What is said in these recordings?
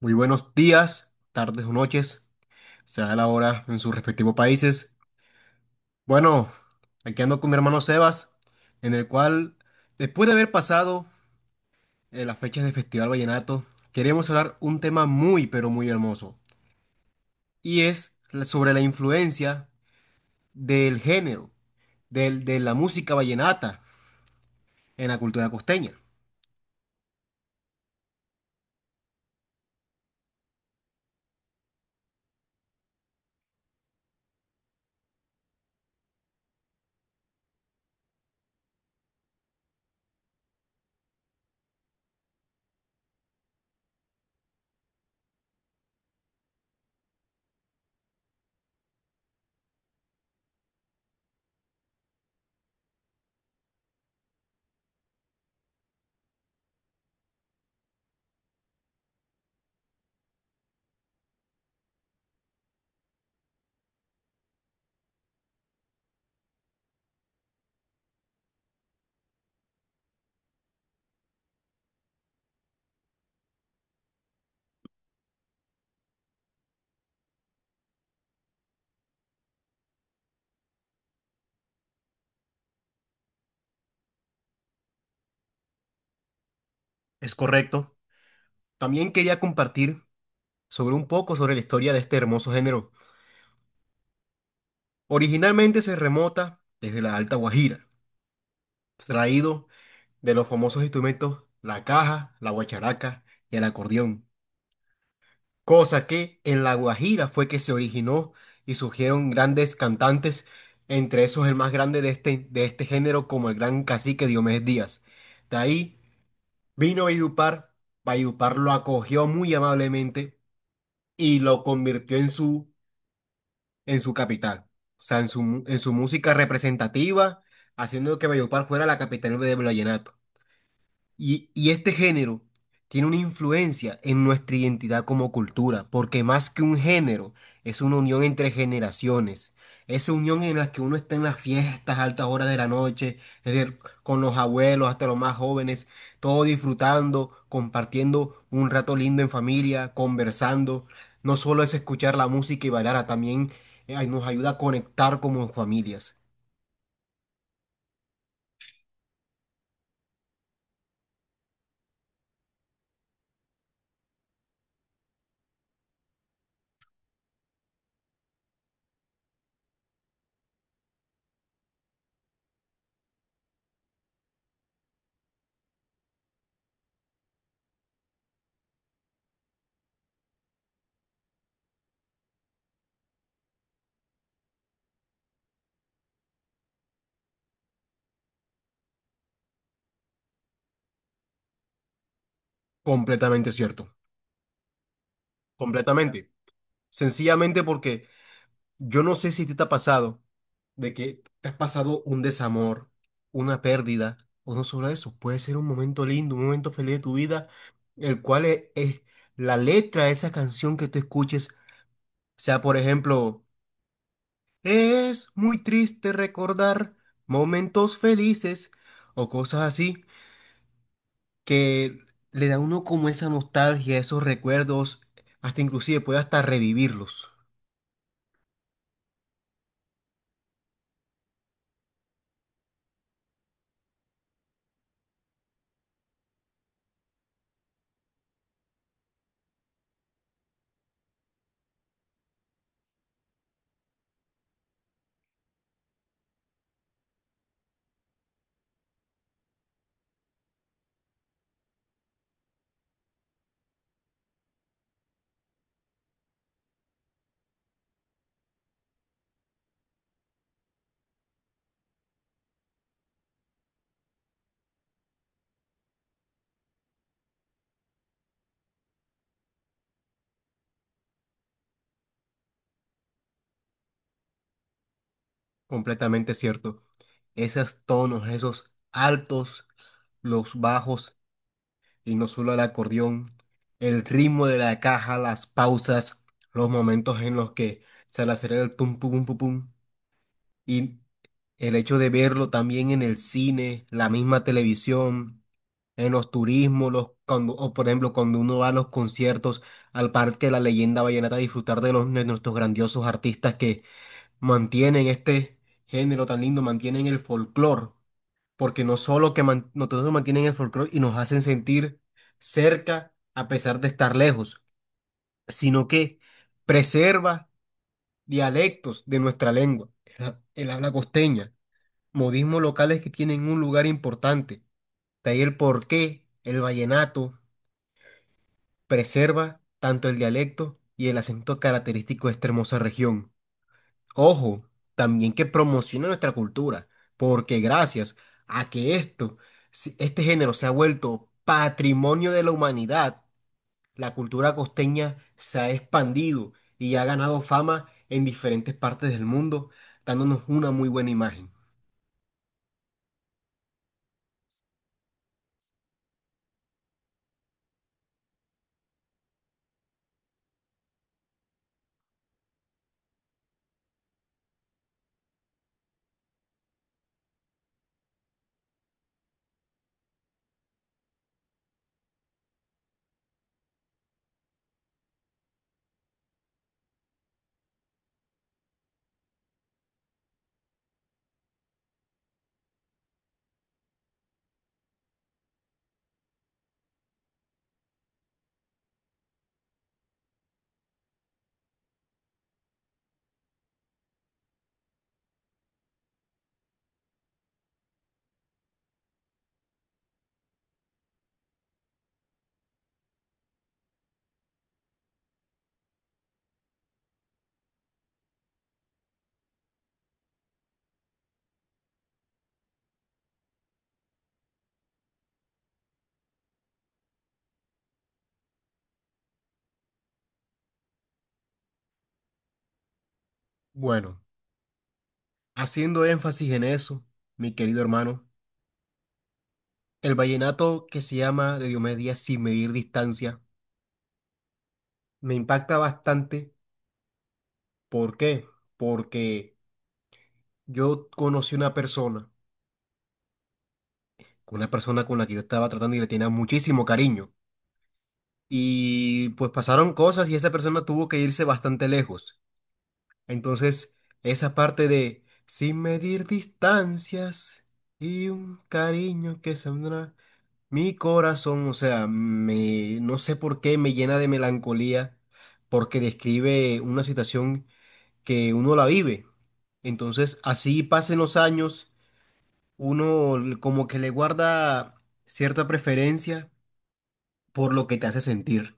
Muy buenos días, tardes o noches, sea la hora en sus respectivos países. Bueno, aquí ando con mi hermano Sebas, en el cual, después de haber pasado las fechas del Festival Vallenato, queremos hablar un tema muy, pero muy hermoso, y es sobre la influencia del género, de la música vallenata en la cultura costeña. Es correcto. También quería compartir sobre un poco sobre la historia de este hermoso género. Originalmente se remota desde la Alta Guajira traído de los famosos instrumentos la caja, la guacharaca y el acordeón, cosa que en La Guajira fue que se originó y surgieron grandes cantantes, entre esos el más grande de este género como el gran cacique Diomedes Díaz. De ahí vino Valledupar, Valledupar lo acogió muy amablemente y lo convirtió en en su capital, o sea, en en su música representativa, haciendo que Valledupar fuera la capital del vallenato. Y este género tiene una influencia en nuestra identidad como cultura, porque más que un género, es una unión entre generaciones. Esa unión en la que uno está en las fiestas, altas horas de la noche, es decir, con los abuelos hasta los más jóvenes, todos disfrutando, compartiendo un rato lindo en familia, conversando. No solo es escuchar la música y bailar, también nos ayuda a conectar como familias. Completamente cierto. Completamente. Sencillamente porque yo no sé si a ti te ha pasado de que te has pasado un desamor, una pérdida, o no solo eso, puede ser un momento lindo, un momento feliz de tu vida, el cual es la letra de esa canción que tú escuches, sea por ejemplo, es muy triste recordar momentos felices o cosas así, que le da a uno como esa nostalgia, esos recuerdos, hasta inclusive puede hasta revivirlos. Completamente cierto. Esos tonos, esos altos, los bajos y no solo el acordeón, el ritmo de la caja, las pausas, los momentos en los que se le acelera el pum pum pum pum y el hecho de verlo también en el cine, la misma televisión, en los turismos, o por ejemplo cuando uno va a los conciertos al Parque de la Leyenda Vallenata a disfrutar de nuestros grandiosos artistas, mantienen este género tan lindo, mantienen el folclore, porque no solo mantienen el folclore y nos hacen sentir cerca a pesar de estar lejos, sino que preserva dialectos de nuestra lengua, el habla costeña, modismos locales que tienen un lugar importante. De ahí el porqué el vallenato preserva tanto el dialecto y el acento característico de esta hermosa región. Ojo, también que promocione nuestra cultura, porque gracias a que esto, este género se ha vuelto patrimonio de la humanidad, la cultura costeña se ha expandido y ha ganado fama en diferentes partes del mundo, dándonos una muy buena imagen. Bueno, haciendo énfasis en eso, mi querido hermano, el vallenato que se llama de Diomedes Díaz Sin Medir Distancia me impacta bastante. ¿Por qué? Porque yo conocí una persona con la que yo estaba tratando y le tenía muchísimo cariño. Y pues pasaron cosas y esa persona tuvo que irse bastante lejos. Entonces, esa parte de sin medir distancias y un cariño que saldrá, mi corazón, o sea, no sé por qué me llena de melancolía porque describe una situación que uno la vive. Entonces, así pasen los años, como que le guarda cierta preferencia por lo que te hace sentir.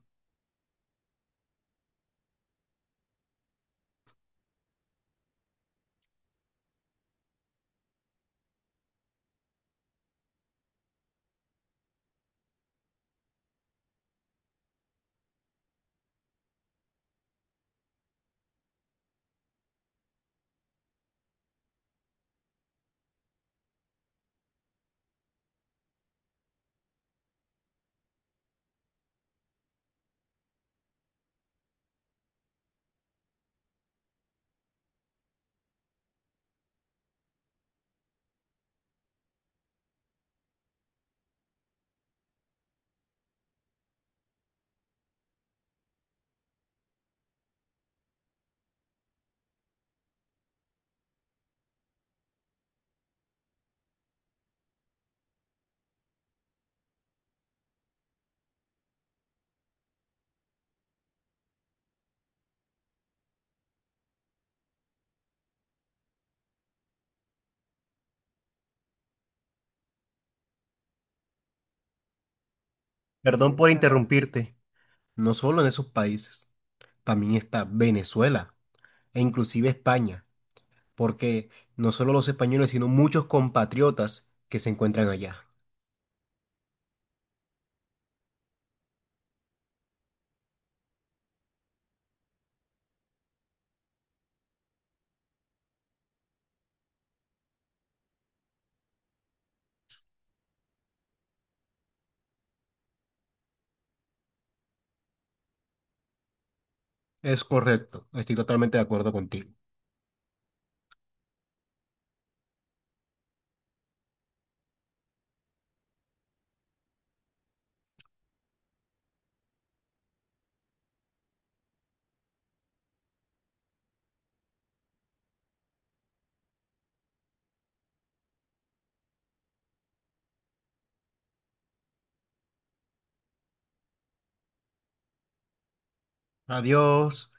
Perdón por interrumpirte. No solo en esos países, también está Venezuela e inclusive España, porque no solo los españoles, sino muchos compatriotas que se encuentran allá. Es correcto, estoy totalmente de acuerdo contigo. Adiós.